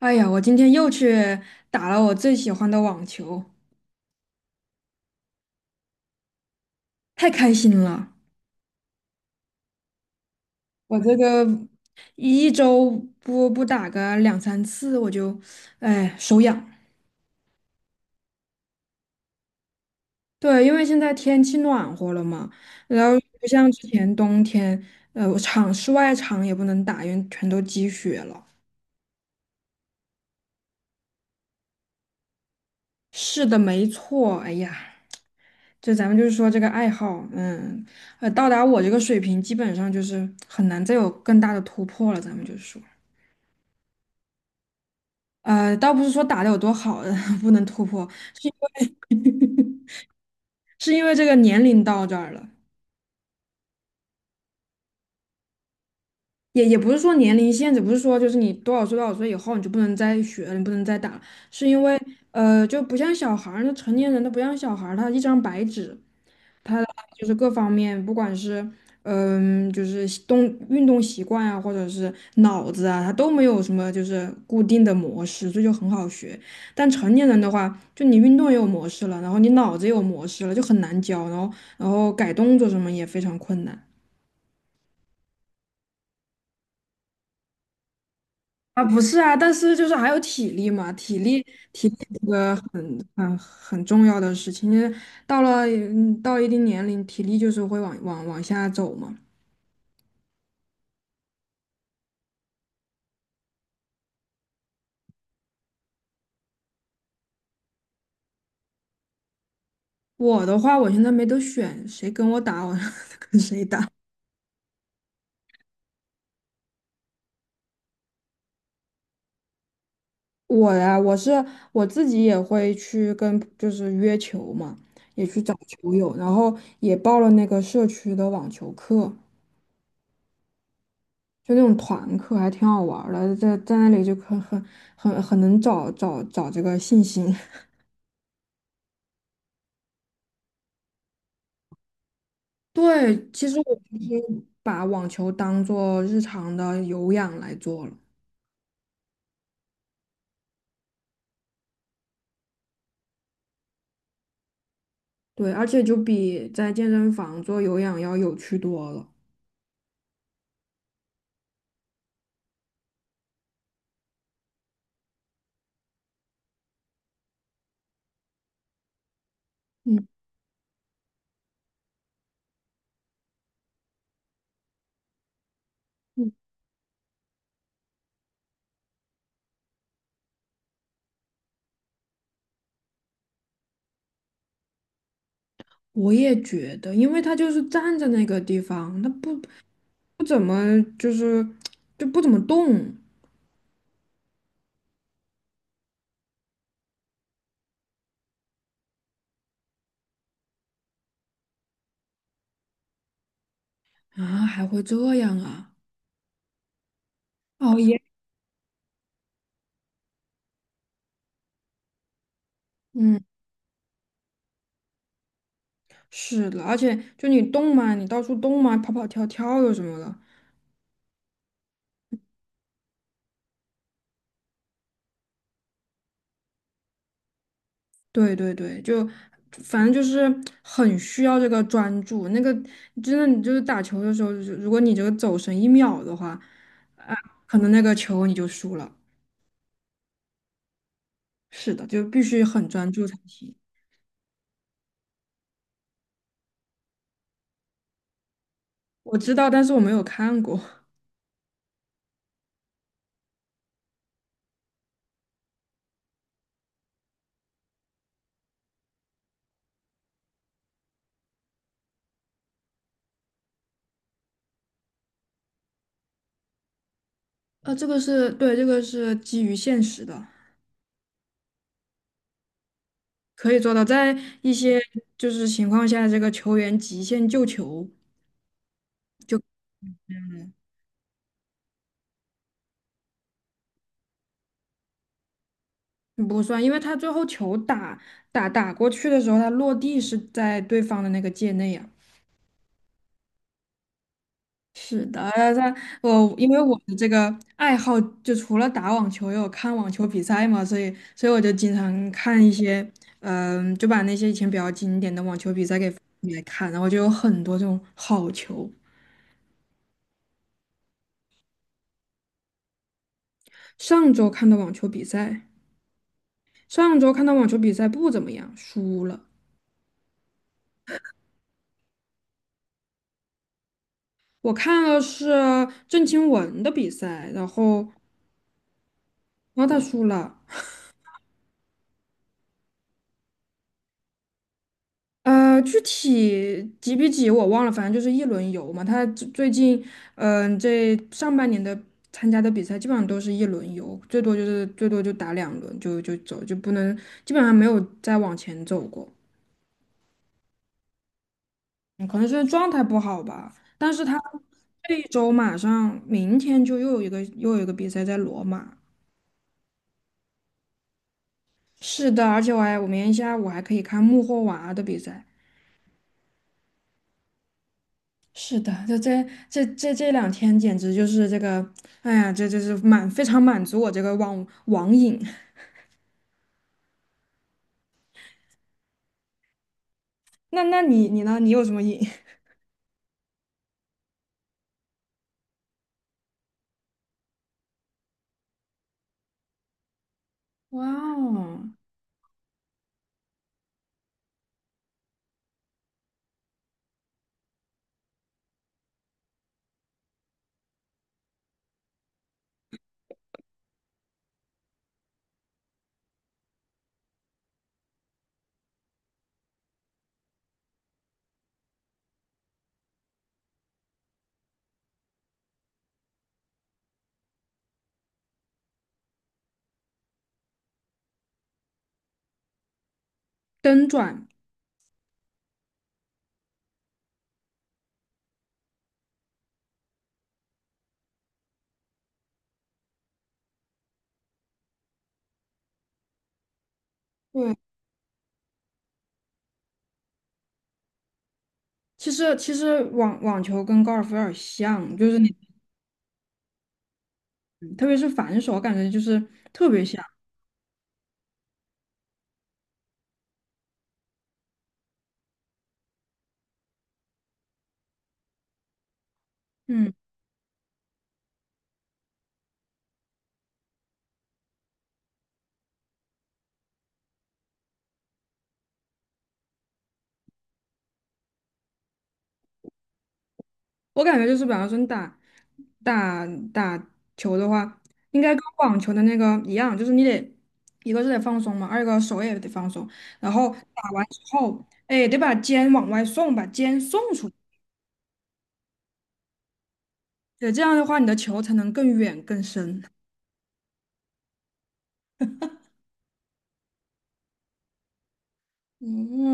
哎呀，我今天又去打了我最喜欢的网球，太开心了！我这个一周不打个两三次，我就哎手痒。对，因为现在天气暖和了嘛，然后不像之前冬天，我室外场也不能打，因为全都积雪了。是的，没错。哎呀，就咱们就是说这个爱好，到达我这个水平，基本上就是很难再有更大的突破了。咱们就是说。倒不是说打得有多好，不能突破，是因为 是因为这个年龄到这儿了，也不是说年龄限制，不是说就是你多少岁多少岁以后你就不能再学了，你不能再打了，是因为就不像小孩儿，那成年人都不像小孩儿，他一张白纸，他的就是各方面，不管是就是运动习惯啊，或者是脑子啊，他都没有什么就是固定的模式，这就很好学。但成年人的话，就你运动也有模式了，然后你脑子也有模式了，就很难教，然后改动作什么也非常困难。啊，不是啊，但是就是还有体力嘛，体力这个很重要的事情，因为到了嗯到一定年龄，体力就是会往下走嘛。我的话，我现在没得选，谁跟我打，我 跟谁打。我呀，我自己也会去跟，就是约球嘛，也去找球友，然后也报了那个社区的网球课，就那种团课，还挺好玩儿的，在那里就很能找这个信心。对，其实我就是把网球当做日常的有氧来做了，对，而且就比在健身房做有氧要有趣多了。嗯嗯。我也觉得，因为他就是站在那个地方，他不怎么就是就不怎么动啊，还会这样啊？哦耶，嗯，是的，而且就你动嘛，你到处动嘛，跑跑跳跳的什么的，对对对，就反正就是很需要这个专注。那个真的，你就是打球的时候，就是如果你这个走神一秒的话，啊，可能那个球你就输了。是的，就必须很专注才行。我知道，但是我没有看过。这个是对，这个是基于现实的，可以做到。在一些就是情况下，这个球员极限救球嗯，不算，因为他最后球打过去的时候，他落地是在对方的那个界内呀。是的，我因为我的这个爱好，就除了打网球，也有看网球比赛嘛，所以我就经常看一些，就把那些以前比较经典的网球比赛给翻出来看，然后就有很多这种好球。上周看的网球比赛，上周看的网球比赛不怎么样，输了。我看了是郑钦文的比赛，然后他输了。具体几比几我忘了，反正就是一轮游嘛。他最近，这上半年的参加的比赛基本上都是一轮游，最多就打两轮就走，就不能基本上没有再往前走过。嗯可能是状态不好吧。但是他这一周马上明天就又有一个比赛在罗马。是的，而且我明天下午还可以看穆霍娃的比赛。是的，这两天简直就是这个，哎呀，这是非常满足我这个网瘾。那你呢？你有什么瘾？哇哦，蹬转。对，其实网球跟高尔夫有点像，就是你特别是反手，感觉就是特别像。嗯。我感觉就是，比方说你打打球的话，应该跟网球的那个一样，就是你得一个是得放松嘛，二一个手也得放松，然后打完之后，哎，得把肩往外送，把肩送出去，对，这样的话你的球才能更远更深。嗯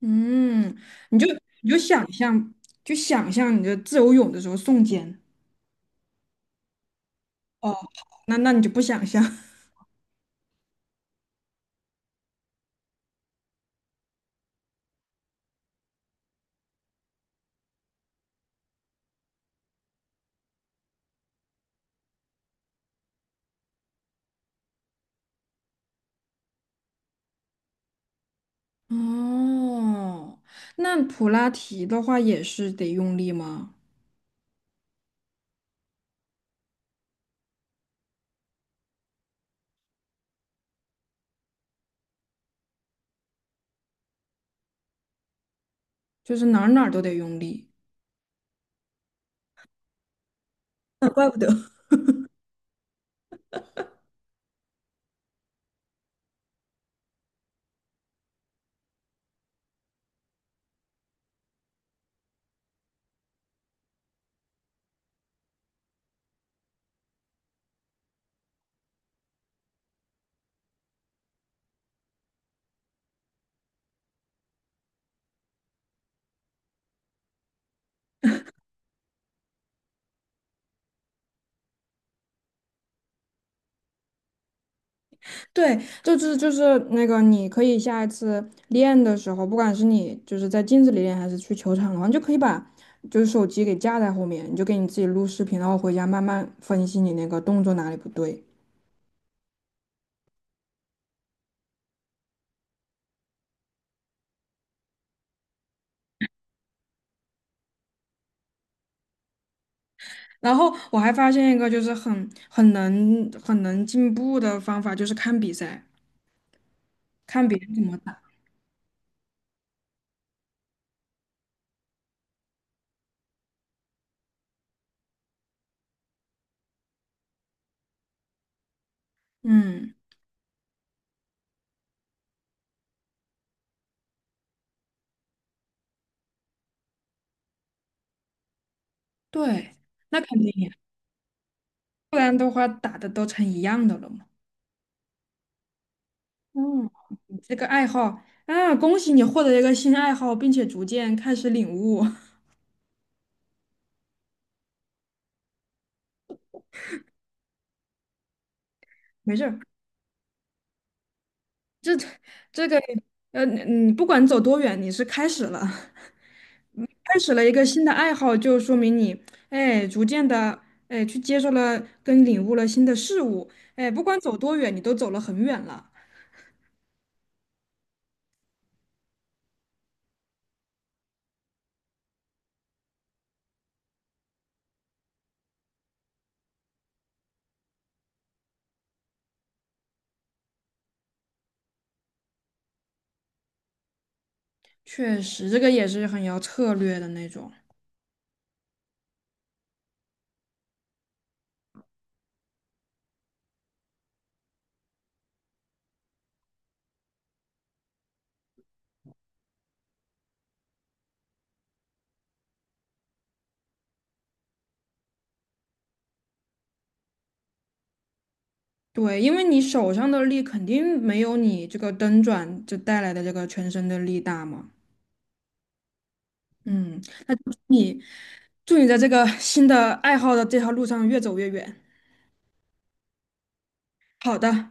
嗯，你就你就想象，就想象你的自由泳的时候送肩。哦，那你就不想象。哦，那普拉提的话也是得用力吗？就是哪儿哪儿都得用力。啊怪不得。对，就是那个，你可以下一次练的时候，不管是你就是在镜子里练，还是去球场的话，你就可以把就是手机给架在后面，你就给你自己录视频，然后回家慢慢分析你那个动作哪里不对。然后我还发现一个就是很能进步的方法，就是看比赛，看别人怎么打。嗯，对，那肯定呀，不然的话打的都成一样的了嘛。嗯。这个爱好啊，恭喜你获得一个新爱好，并且逐渐开始领悟。没事儿，这个你你不管走多远，你是开始了，开始了一个新的爱好，就说明你哎，逐渐的哎，去接受了跟领悟了新的事物。哎，不管走多远，你都走了很远了。确实，这个也是很要策略的那种。对，因为你手上的力肯定没有你这个蹬转就带来的这个全身的力大嘛。嗯，那祝你在这个新的爱好的这条路上越走越远。好的，